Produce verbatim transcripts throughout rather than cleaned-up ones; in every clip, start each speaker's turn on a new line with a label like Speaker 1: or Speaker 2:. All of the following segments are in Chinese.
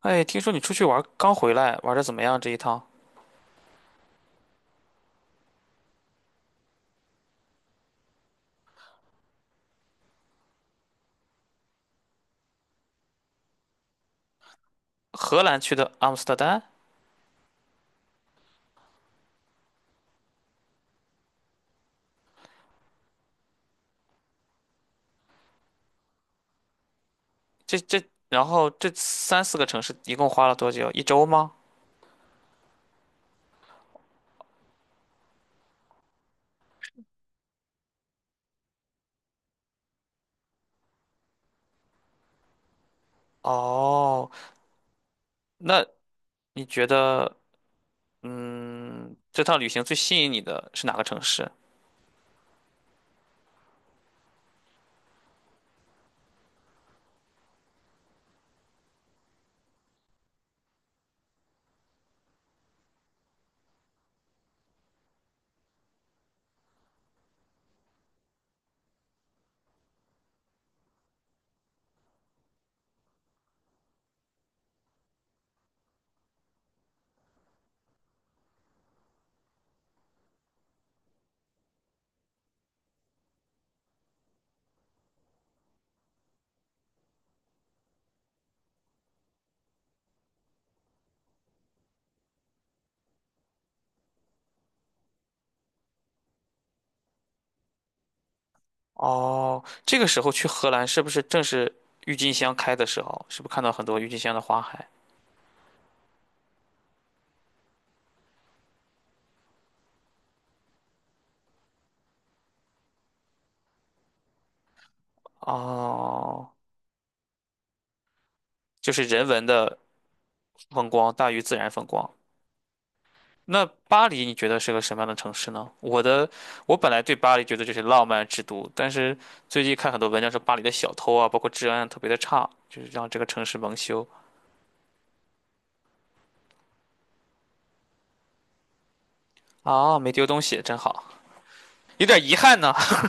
Speaker 1: 哎，听说你出去玩儿刚回来，玩的怎么样这一趟？荷兰去的阿姆斯特丹。这这，然后这三四个城市一共花了多久？一周吗？哦，那你觉得，嗯，这趟旅行最吸引你的是哪个城市？哦，这个时候去荷兰是不是正是郁金香开的时候？是不是看到很多郁金香的花海？哦，就是人文的风光大于自然风光。那巴黎你觉得是个什么样的城市呢？我的，我本来对巴黎觉得这是浪漫之都，但是最近看很多文章说巴黎的小偷啊，包括治安啊特别的差，就是让这个城市蒙羞啊。没丢东西真好，有点遗憾呢。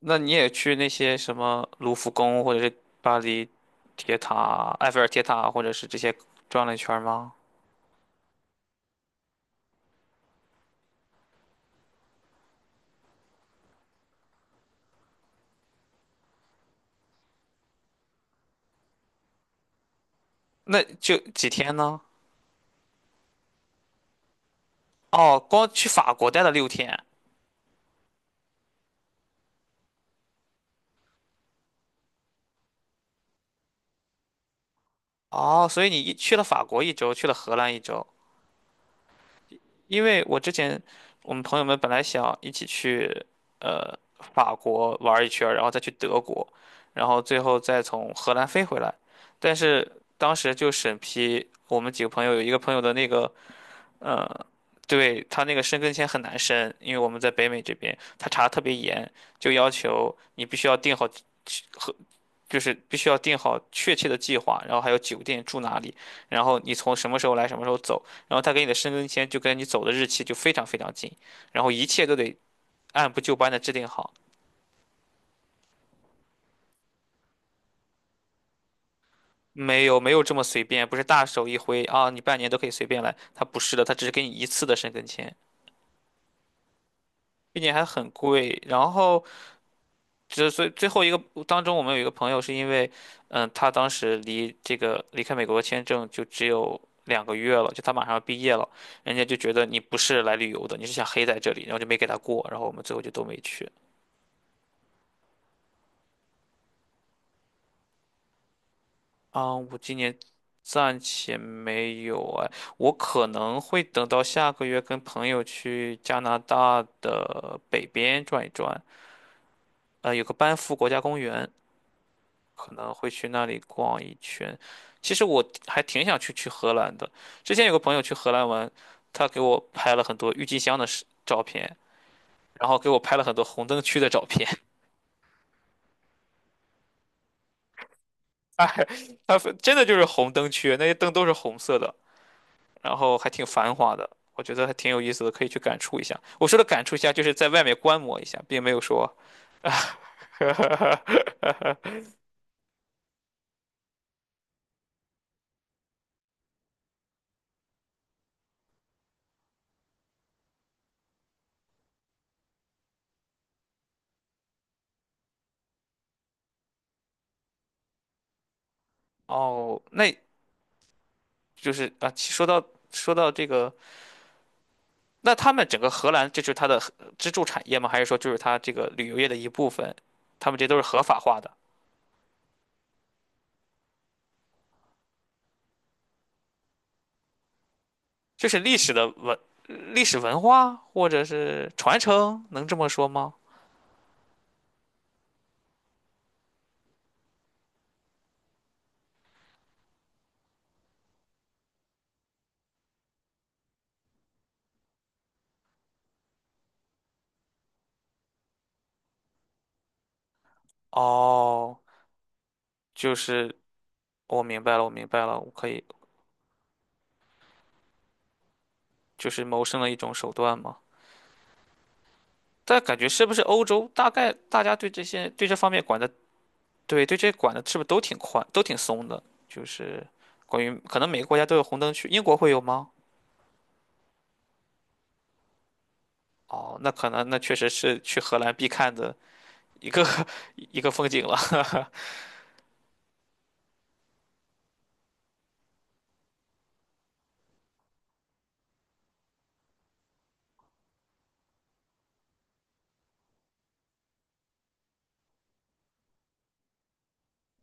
Speaker 1: 那你也去那些什么卢浮宫，或者是巴黎铁塔、埃菲尔铁塔，或者是这些，转了一圈吗？那就几天呢？哦，光去法国待了六天。哦，所以你一去了法国一周，去了荷兰一周。因为我之前我们朋友们本来想一起去呃法国玩一圈儿，然后再去德国，然后最后再从荷兰飞回来。但是当时就审批我们几个朋友，有一个朋友的那个呃，对，他那个申根签很难申，因为我们在北美这边，他查的特别严，就要求你必须要订好。就是必须要定好确切的计划，然后还有酒店住哪里，然后你从什么时候来，什么时候走，然后他给你的申根签就跟你走的日期就非常非常近，然后一切都得按部就班的制定好。没有没有这么随便，不是大手一挥啊，你半年都可以随便来，他不是的，他只是给你一次的申根签，并且还很贵。然后这所以最后一个当中，我们有一个朋友是因为，嗯，他当时离这个离开美国的签证就只有两个月了，就他马上要毕业了，人家就觉得你不是来旅游的，你是想黑在这里，然后就没给他过，然后我们最后就都没去。啊，我今年暂且没有哎，我可能会等到下个月跟朋友去加拿大的北边转一转。呃，有个班夫国家公园，可能会去那里逛一圈。其实我还挺想去去荷兰的。之前有个朋友去荷兰玩，他给我拍了很多郁金香的视照片，然后给我拍了很多红灯区的照片。他还他真的就是红灯区，那些灯都是红色的，然后还挺繁华的。我觉得还挺有意思的，可以去感触一下。我说的感触一下，就是在外面观摩一下，并没有说。哦，那就是啊，其说到说到这个，那他们整个荷兰，这就是它的支柱产业吗？还是说就是它这个旅游业的一部分？他们这都是合法化的，就是历史的文、历史文化或者是传承，能这么说吗？哦，就是我明白了，我明白了，我可以就是谋生的一种手段吗？但感觉是不是欧洲大概大家对这些对这方面管的，对对，这管的是不是都挺宽，都挺松的？就是关于可能每个国家都有红灯区，英国会有吗？哦，那可能那确实是去荷兰必看的一个 一个风景了。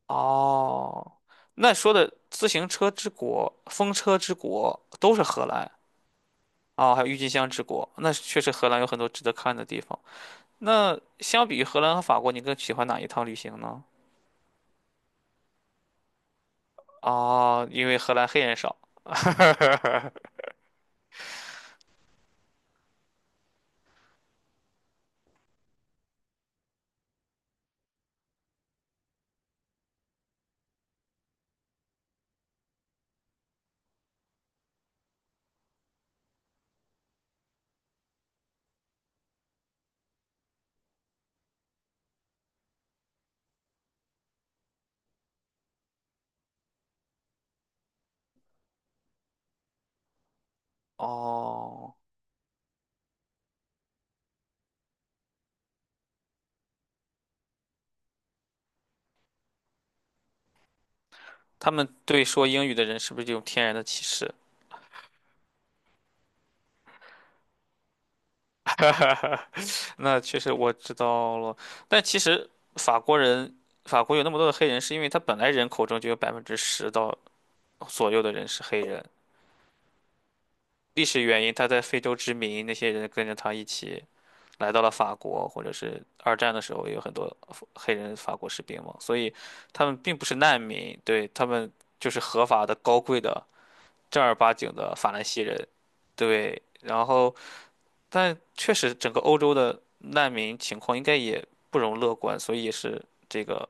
Speaker 1: 哦，那说的自行车之国、风车之国都是荷兰，哦，还有郁金香之国。那确实荷兰有很多值得看的地方。那相比于荷兰和法国，你更喜欢哪一趟旅行呢？哦，因为荷兰黑人少。哦，他们对说英语的人是不是有天然的歧视？那确实我知道了，但其实法国人，法国有那么多的黑人，是因为他本来人口中就有百分之十到左右的人是黑人。历史原因他在非洲殖民，那些人跟着他一起来到了法国，或者是二战的时候也有很多黑人法国士兵嘛，所以他们并不是难民。对，他们就是合法的、高贵的、正儿八经的法兰西人。对，然后，但确实整个欧洲的难民情况应该也不容乐观，所以也是这个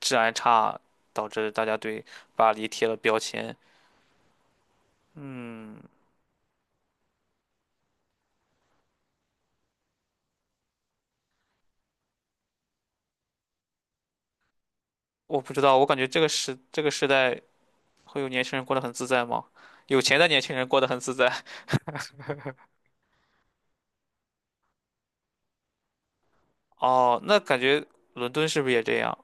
Speaker 1: 治安差导致大家对巴黎贴了标签。嗯，我不知道，我感觉这个时这个时代会有年轻人过得很自在吗？有钱的年轻人过得很自在。哦，那感觉伦敦是不是也这样？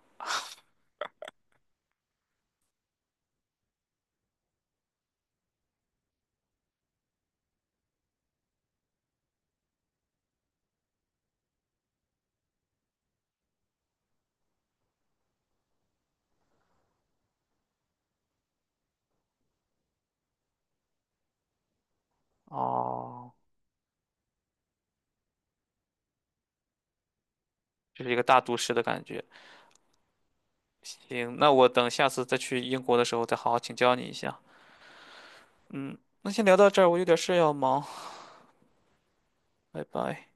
Speaker 1: 哦，就是一个大都市的感觉。行，那我等下次再去英国的时候再好好请教你一下。嗯，那先聊到这儿，我有点事要忙，拜拜。